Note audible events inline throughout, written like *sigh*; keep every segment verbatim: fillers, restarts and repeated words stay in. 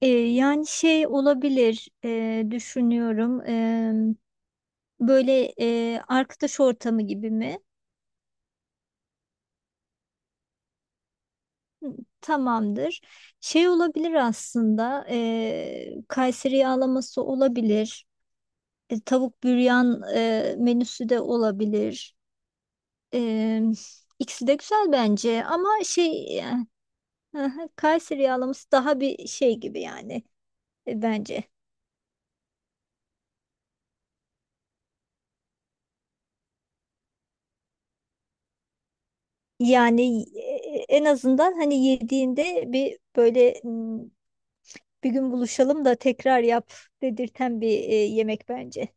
E, yani şey olabilir, e, düşünüyorum. E, böyle, e, arkadaş ortamı gibi mi? Tamamdır. Şey olabilir aslında. E, Kayseri yağlaması olabilir. E, tavuk büryan e, menüsü de olabilir. E, ikisi de güzel bence. Ama şey e, hı hı, Kayseri yağlaması daha bir şey gibi yani, e, bence. Yani, e, en azından hani yediğinde bir böyle bir gün buluşalım da tekrar yap dedirten bir, e, yemek bence.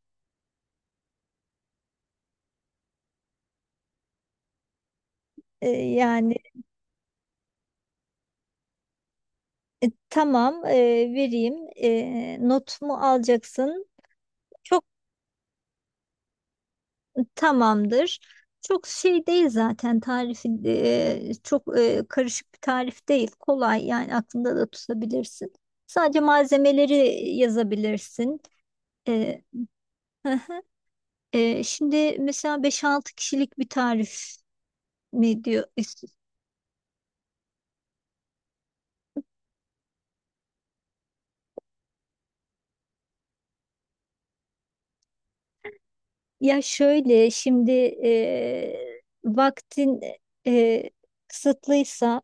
E, yani tamam e, vereyim. E, not mu alacaksın? Çok tamamdır. Çok şey değil zaten tarifi, e, çok, e, karışık bir tarif değil. Kolay yani aklında da tutabilirsin. Sadece malzemeleri yazabilirsin. E, hı hı. E, şimdi mesela beş altı kişilik bir tarif mi diyor? Ya şöyle şimdi, e, vaktin, e, kısıtlıysa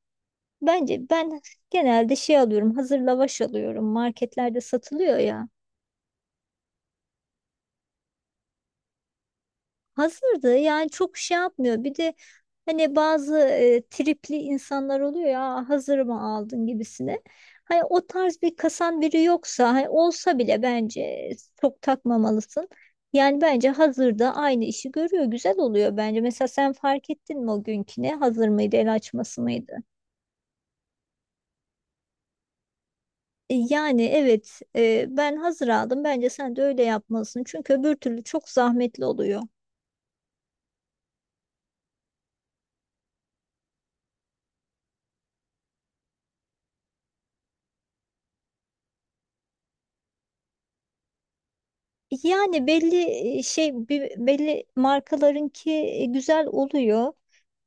bence ben genelde şey alıyorum, hazır lavaş alıyorum, marketlerde satılıyor ya. Hazırdı, yani çok şey yapmıyor bir de. Hani bazı, e, tripli insanlar oluyor ya, "Aa, hazır mı aldın?" gibisine. Hani o tarz bir kasan biri yoksa, hani olsa bile bence çok takmamalısın. Yani bence hazırda aynı işi görüyor, güzel oluyor bence. Mesela sen fark ettin mi o günküne, hazır mıydı, el açması mıydı? E, Yani evet, e, ben hazır aldım, bence sen de öyle yapmalısın, çünkü öbür türlü çok zahmetli oluyor. E, Yani belli, e, şey, bir- belli markalarınki, e, güzel oluyor.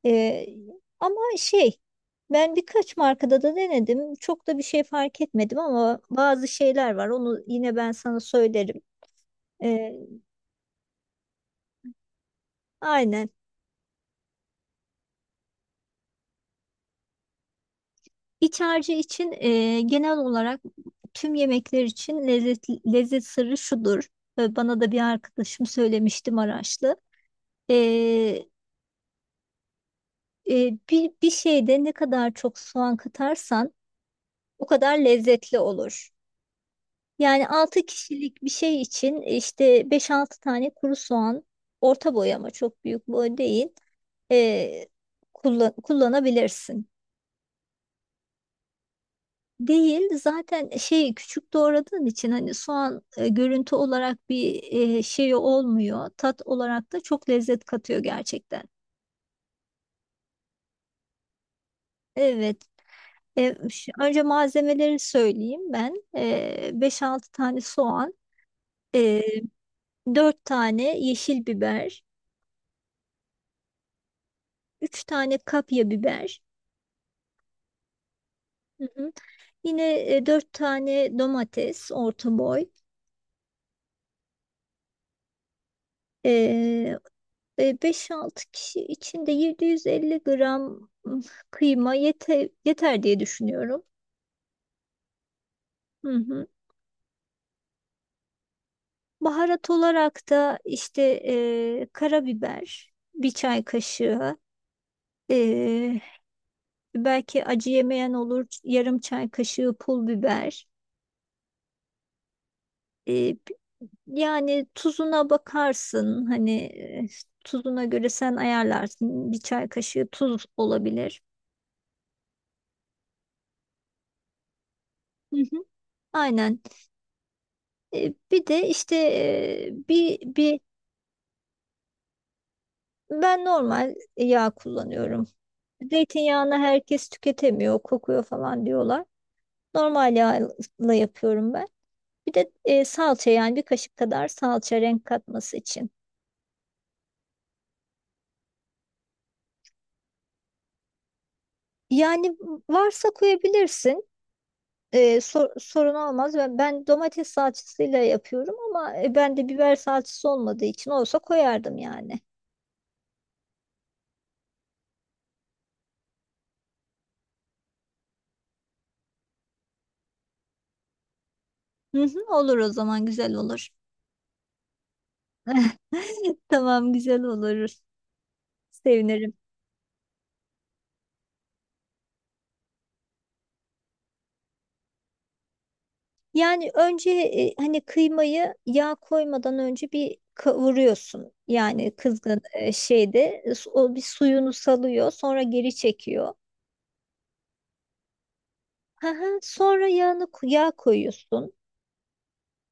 Ee, Ama şey, ben birkaç markada da denedim. Çok da bir şey fark etmedim, ama bazı şeyler var, onu yine ben sana söylerim. Ee, aynen. İç harcı için, e, genel olarak tüm yemekler için, lezzet, lezzet sırrı şudur. Ee, bana da bir arkadaşım söylemişti, Maraşlı. Ee, e, bir, bir şeyde ne kadar çok soğan katarsan o kadar lezzetli olur. Yani altı kişilik bir şey için, işte beş altı tane kuru soğan, orta boy ama çok büyük boy değil, e, kullan- kullanabilirsin. Değil, zaten şey, küçük doğradığın için, hani soğan, e, görüntü olarak bir, e, şey olmuyor. Tat olarak da çok lezzet katıyor gerçekten. Evet. E, ş- önce malzemeleri söyleyeyim ben. E, beş altı tane soğan, e, dört tane yeşil biber, üç tane kapya biber. Hı hı. Yine, e, dört tane domates, orta boy. E, e, beş altı kişi için de yedi yüz elli gram, mm, kıyma yete, yeter diye düşünüyorum. Hı hı. Baharat olarak da işte, e, karabiber bir çay kaşığı. e, Belki acı yemeyen olur, yarım çay kaşığı pul biber. E, Yani tuzuna bakarsın hani, e, tuzuna göre sen ayarlarsın, bir çay kaşığı tuz olabilir. Hı hı. Aynen. E, bir de işte, e, bir bir ben normal yağ kullanıyorum. Zeytinyağını herkes tüketemiyor, kokuyor falan diyorlar. Normal yağla yapıyorum ben. Bir de, e, salça, yani bir kaşık kadar salça, renk katması için. Yani varsa koyabilirsin. E, sor- sorun olmaz. Ben, ben domates salçasıyla yapıyorum ama, e, ben de biber salçası olmadığı için, olsa koyardım yani. Hı hı, olur, o zaman güzel olur. *laughs* Tamam, güzel olur. Sevinirim. Yani önce, e, hani kıymayı yağ koymadan önce bir kavuruyorsun. Yani kızgın, e, şeyde, e, su- o bir suyunu salıyor, sonra geri çekiyor. Hı hı. Sonra yağını, yağ koyuyorsun.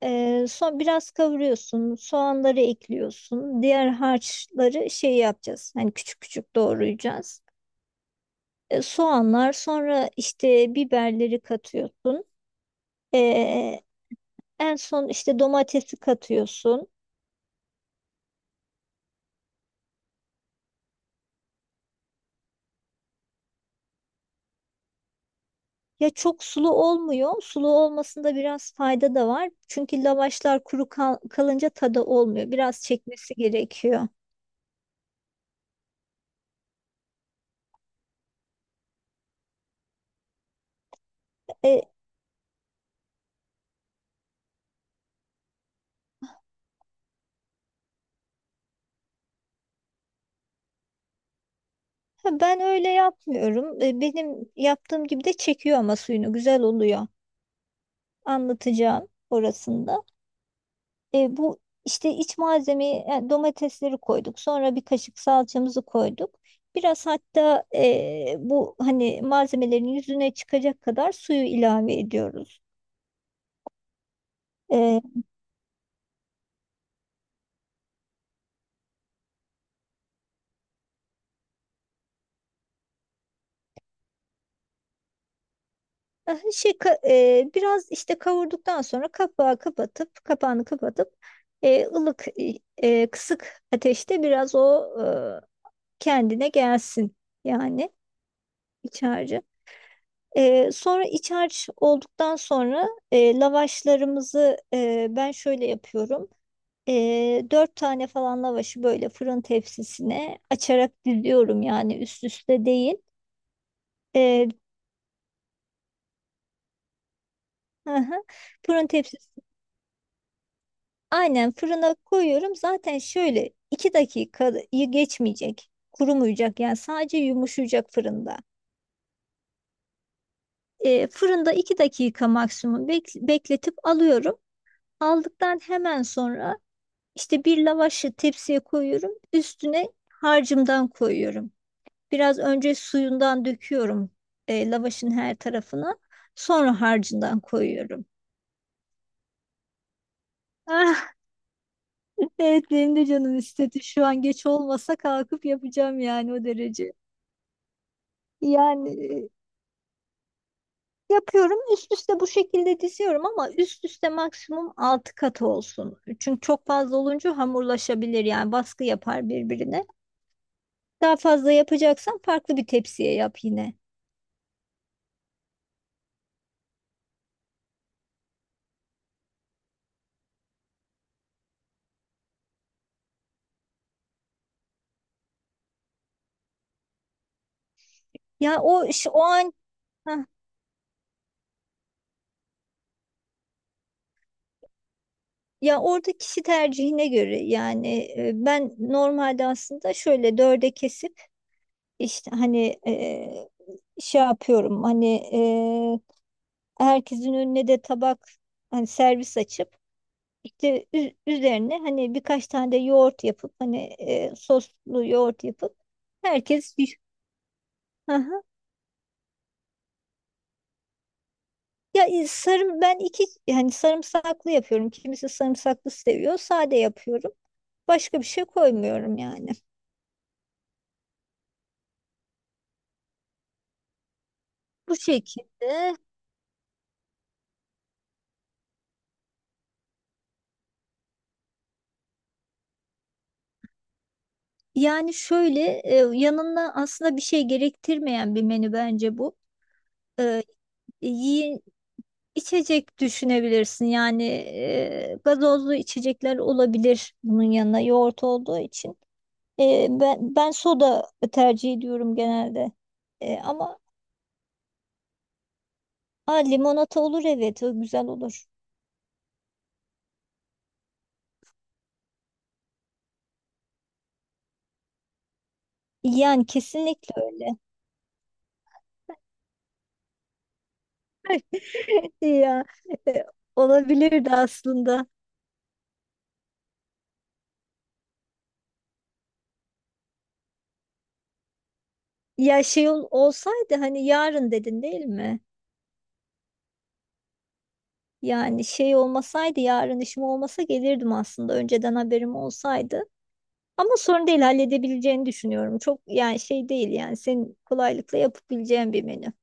Ee, son biraz kavuruyorsun, soğanları ekliyorsun, diğer harçları şey yapacağız, hani küçük küçük doğrayacağız. Ee, soğanlar, sonra işte biberleri katıyorsun. Ee, En son işte domatesi katıyorsun. Ya çok sulu olmuyor. Sulu olmasında biraz fayda da var, çünkü lavaşlar kuru kal- kalınca tadı olmuyor, biraz çekmesi gerekiyor. Ee, Ben öyle yapmıyorum. Ee, benim yaptığım gibi de çekiyor ama suyunu, güzel oluyor. Anlatacağım orasında. E, bu işte iç malzemeyi, yani domatesleri koyduk. Sonra bir kaşık salçamızı koyduk. Biraz hatta, e, bu hani malzemelerin yüzüne çıkacak kadar suyu ilave ediyoruz. E, ah, şey ka- e, Biraz işte kavurduktan sonra kapağı kapatıp, kapağını kapatıp, e, ılık, e, e, kısık ateşte biraz o, e, kendine gelsin yani, iç harcı. Ee, sonra iç harç olduktan sonra, e, lavaşlarımızı, e, ben şöyle yapıyorum. E, dört tane falan lavaşı böyle fırın tepsisine açarak diziyorum, yani üst üste değil. E, hı hı. Fırın tepsisi aynen fırına koyuyorum. Zaten şöyle iki dakikayı geçmeyecek, kurumayacak, yani sadece yumuşayacak fırında. E, fırında iki dakika maksimum bek- bekletip alıyorum. Aldıktan hemen sonra İşte bir lavaşı tepsiye koyuyorum. Üstüne harcımdan koyuyorum. Biraz önce suyundan döküyorum, e, lavaşın her tarafına. Sonra harcından koyuyorum. Ah, *laughs* evet, benim de canım istedi. Şu an geç olmasa kalkıp yapacağım, yani o derece. Yani, e, yapıyorum, üst üste bu şekilde diziyorum, ama üst üste maksimum altı kat olsun. Çünkü çok fazla olunca hamurlaşabilir, yani baskı yapar birbirine. Daha fazla yapacaksan, farklı bir tepsiye yap yine. Ya o iş- o an. Hah. Ya orada kişi tercihine göre, yani, e, ben normalde aslında şöyle dörde kesip, işte hani, e, şey yapıyorum, hani, e, herkesin önüne de tabak, hani servis açıp, işte ü- üzerine, hani birkaç tane de yoğurt yapıp, hani, e, soslu yoğurt yapıp, herkes bir... Aha. Ya, e, sarım, ben iki, yani sarımsaklı yapıyorum. Kimisi sarımsaklı seviyor. Sade yapıyorum. Başka bir şey koymuyorum yani. Bu şekilde, yani şöyle, e, yanına aslında bir şey gerektirmeyen bir menü bence bu. E, Yiyin, içecek düşünebilirsin, yani, e, gazozlu içecekler olabilir bunun yanına, yoğurt olduğu için. E, ben, ben soda tercih ediyorum genelde. E, ama ha, limonata olur, evet, o güzel olur. Yani kesinlikle öyle. *laughs* Ya, e, olabilirdi aslında. Ya şey ol- olsaydı, hani yarın dedin değil mi? Yani şey olmasaydı, yarın işim olmasa gelirdim aslında, önceden haberim olsaydı. Ama sorun değil, halledebileceğini düşünüyorum. Çok yani şey değil, yani senin kolaylıkla yapabileceğin bir menü.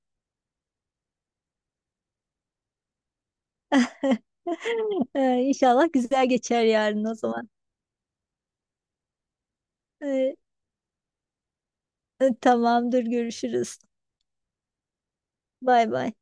*laughs* Ee, İnşallah güzel geçer yarın, o zaman. Ee, e, Tamamdır, görüşürüz. Bay bay.